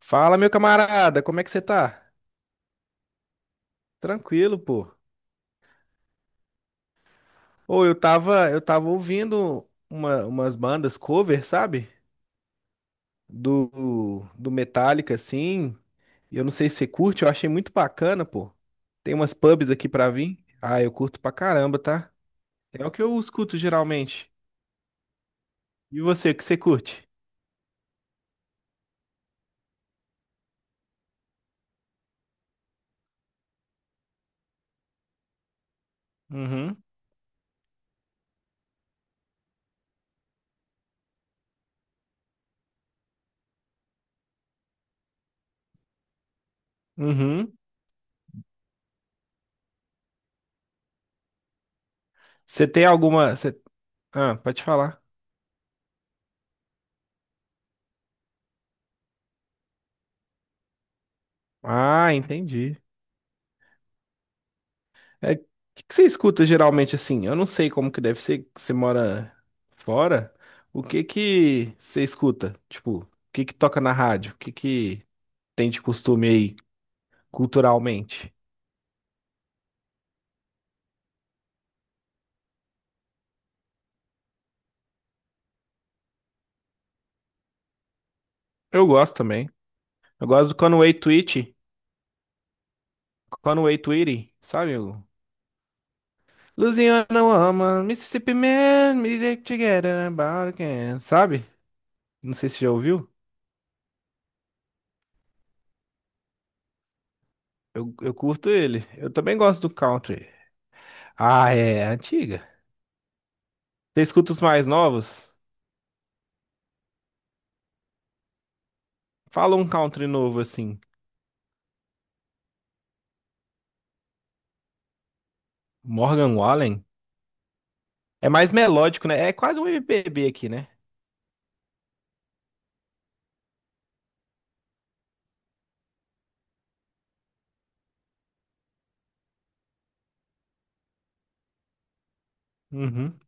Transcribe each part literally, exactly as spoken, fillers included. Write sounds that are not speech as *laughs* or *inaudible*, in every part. Fala, meu camarada, como é que você tá? Tranquilo, pô. Ou eu tava, eu tava ouvindo uma- umas bandas cover, sabe? Do, do Metallica, assim. E eu não sei se você curte, eu achei muito bacana, pô. Tem umas pubs aqui pra vir. Ah, eu curto pra caramba, tá? É o que eu escuto geralmente. E você, o que você curte? Uhum, uhum. Você tem alguma. Você... Ah, pode falar. Ah, entendi. É, o que que você escuta geralmente assim? Eu não sei como que deve ser, que você mora fora. O que que você escuta? Tipo, o que que toca na rádio? O que que tem de costume aí culturalmente? Eu gosto também. Eu gosto do Conway Twitty. Conway Twitty, sabe? O Louisiana Woman, Mississippi Man, me get together about again. Sabe? Não sei se já ouviu. Eu, eu curto ele. Eu também gosto do country. Ah, é é antiga. Você escuta os mais novos? Fala um country novo assim. Morgan Wallen. É mais melódico, né? É quase um M P B aqui, né? Uhum.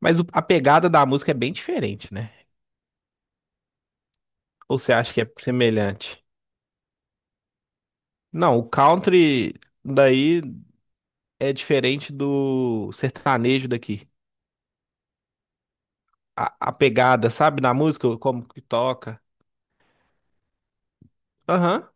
Mas o- a pegada da música é bem diferente, né? Ou você acha que é semelhante? Não, o country daí é diferente do sertanejo daqui. A, a pegada, sabe, na música, como que toca. Aham,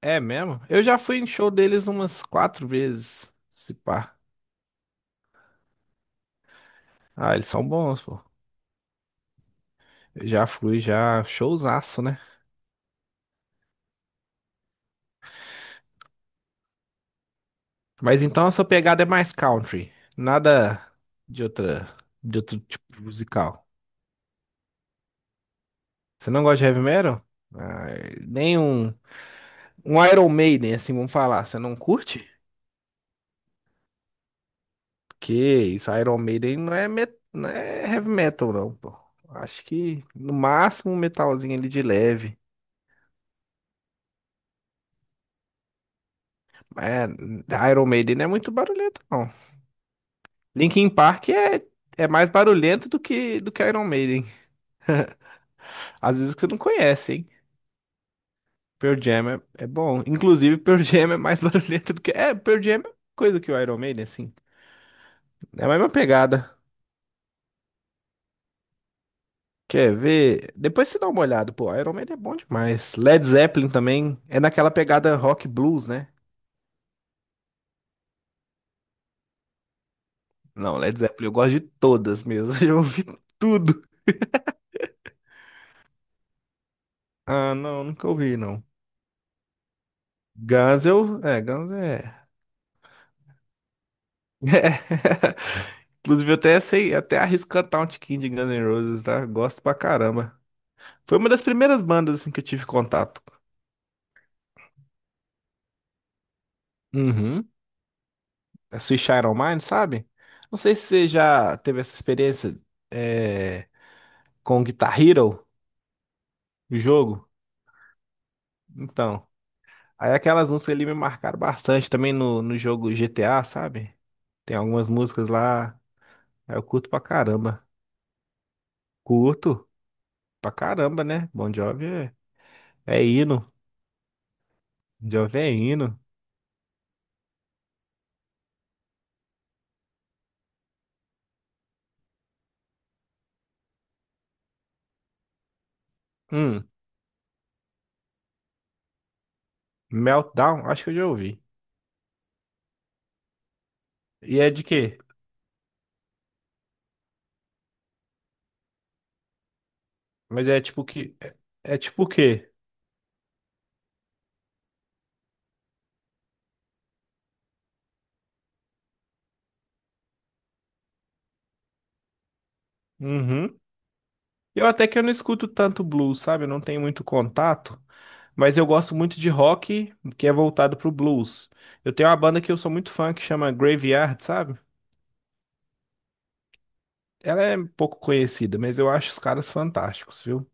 é mesmo. Eu já fui em show deles umas quatro vezes, se pá. Ah, eles são bons, pô. Eu já fui, já. Showzaço, né? Mas então a sua pegada é mais country. Nada de outra, de outro tipo de musical. Você não gosta de heavy metal? Ah, nem um, um Iron Maiden, assim, vamos falar. Você não curte? Que isso, Iron Maiden não é, met, não é heavy metal, não, pô. Acho que no máximo um metalzinho ali de leve. É, Iron Maiden não é muito barulhento, não. Linkin Park é, é mais barulhento do que, do que Iron Maiden. Às vezes que você não conhece, hein? Pearl Jam é, é bom. Inclusive, Pearl Jam é mais *laughs* barulhento do que. É, Pearl Jam é coisa que o Iron Maiden, assim. É a mesma pegada. Quer ver? Depois você dá uma olhada. Pô, Iron Maiden é bom demais. Led Zeppelin também é naquela pegada rock blues, né? Não, Led Zeppelin eu gosto de todas mesmo. *laughs* Eu ouvi tudo. Ah, não, nunca ouvi, não. Guns eu. É, Guns é. *laughs* É. Inclusive, eu até sei, até arrisco cantar um tiquinho de Guns N' Roses, tá? Gosto pra caramba. Foi uma das primeiras bandas assim que eu tive contato. Uhum. A Switch Iron Maiden, sabe? Não sei se você já teve essa experiência é, com Guitar Hero, o jogo. Então, aí aquelas músicas ali me marcaram bastante também no, no jogo G T A, sabe? Tem algumas músicas lá, aí eu curto pra caramba. Curto pra caramba, né? Bon Jovi é, é hino. Bon Jovi é hino. Hum, Meltdown, acho que eu já ouvi. E é de quê? Mas é tipo que... É, é tipo o quê? Uhum. Eu até que eu não escuto tanto blues, sabe? Eu não tenho muito contato, mas eu gosto muito de rock que é voltado pro blues. Eu tenho uma banda que eu sou muito fã que chama Graveyard, sabe? Ela é pouco conhecida, mas eu acho os caras fantásticos, viu?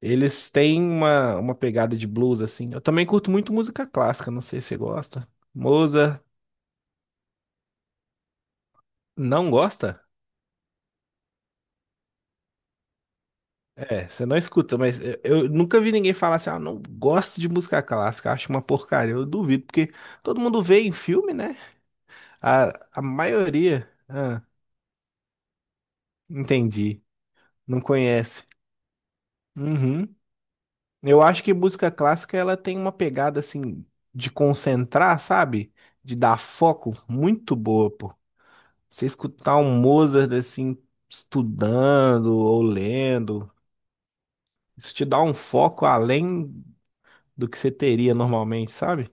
Eles têm uma, uma pegada de blues assim. Eu também curto muito música clássica, não sei se você gosta. Mozart, não gosta? É, você não escuta, mas eu, eu nunca vi ninguém falar assim, ah, não gosto de música clássica, acho uma porcaria. Eu duvido, porque todo mundo vê em filme, né? A, a maioria. Ah, entendi. Não conhece. Uhum. Eu acho que música clássica ela tem uma pegada assim de concentrar, sabe? De dar foco muito boa, pô. Você escutar um Mozart assim estudando ou lendo, isso te dá um foco além do que você teria normalmente, sabe?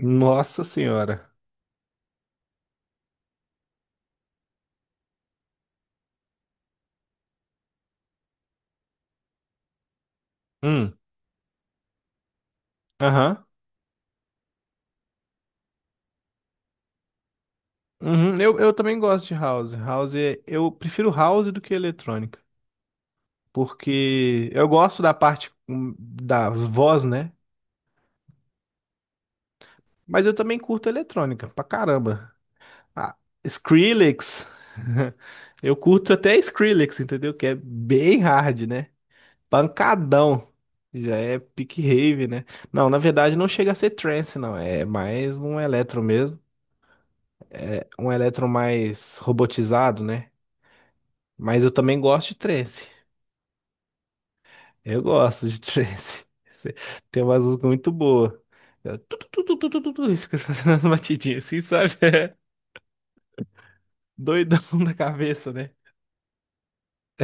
Nossa senhora. Hum. Aham. Uhum. Eu, eu também gosto de house. House, é- eu prefiro house do que eletrônica. Porque eu gosto da parte hum, da voz, né? Mas eu também curto eletrônica, pra caramba. Ah, Skrillex. *laughs* Eu curto até Skrillex, entendeu? Que é bem hard, né? Pancadão. Já é pick rave, né? Não, na verdade não chega a ser trance, não. É mais um eletro mesmo. Um eletro mais robotizado, né? Mas eu também gosto de trance. Eu gosto de trance. *laughs* Tem umas músicas muito boas. É tu, tu, tu, tu, tu, tu, tu, tu, isso. Fica *laughs* fazendo as batidinhas assim, sabe? *laughs* É doidão da cabeça, né? *laughs*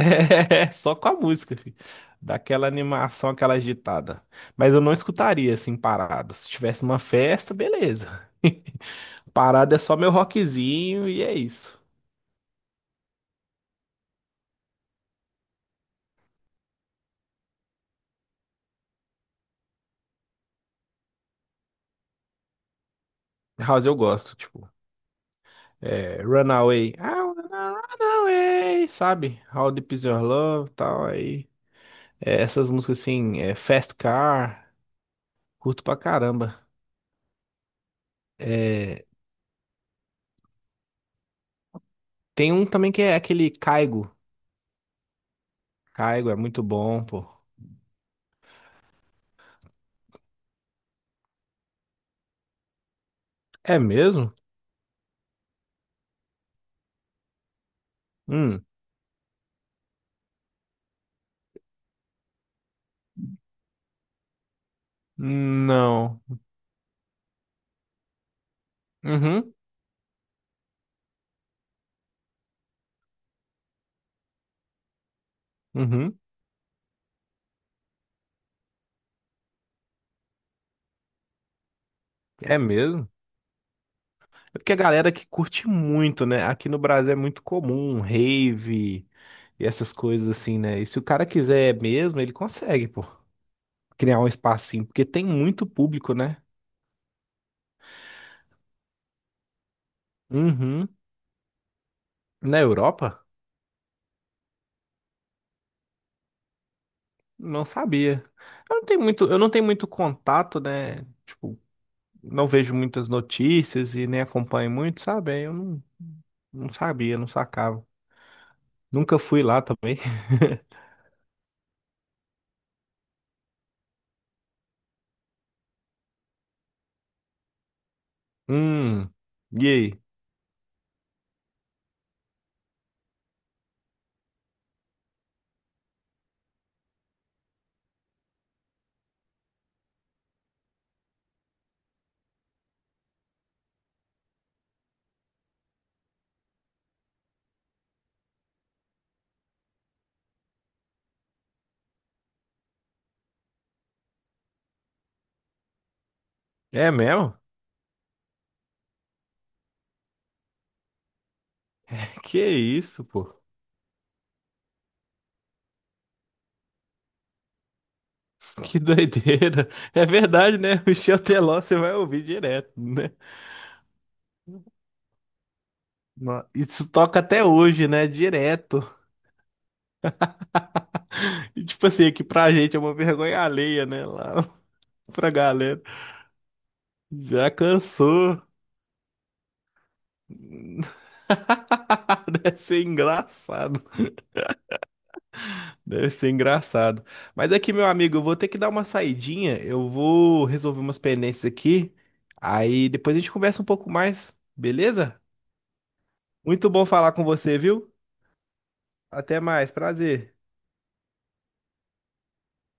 É, só com a música, filho. Dá aquela animação, aquela agitada. Mas eu não escutaria assim parado. Se tivesse numa festa, beleza. *laughs* Parado é só meu rockzinho e é isso. House eu gosto, tipo, é, Runaway. I wanna run away, sabe? How Deep Is Your Love, tal, aí. É, essas músicas assim, é, Fast Car, curto pra caramba. É, tem um também que é aquele Caigo. Caigo é muito bom, pô. É mesmo? Hum, não. Uhum, uhum. É mesmo? É porque a galera que curte muito, né? Aqui no Brasil é muito comum, rave e essas coisas assim, né? E se o cara quiser mesmo, ele consegue, pô, criar um espacinho, porque tem muito público, né? Uhum. Na Europa? Não sabia. Eu não tenho muito, eu não tenho muito contato, né? Tipo, não vejo muitas notícias e nem acompanho muito, sabe? Aí Eu não, Não sabia, não sacava. Nunca fui lá também. *laughs* Hum, e aí? É mesmo? *laughs* Que isso, pô? *laughs* Que doideira. É verdade, né? Michel Teló, você vai ouvir direto, né? No- Isso toca até hoje, né? Direto. *laughs* E, tipo assim, aqui pra gente é uma vergonha alheia, né? Lá *laughs* pra galera. Já cansou. *laughs* Deve ser engraçado. Deve ser engraçado. Mas aqui, meu amigo, eu vou ter que dar uma saidinha. Eu vou resolver umas pendências aqui. Aí depois a gente conversa um pouco mais, beleza? Muito bom falar com você, viu? Até mais, prazer.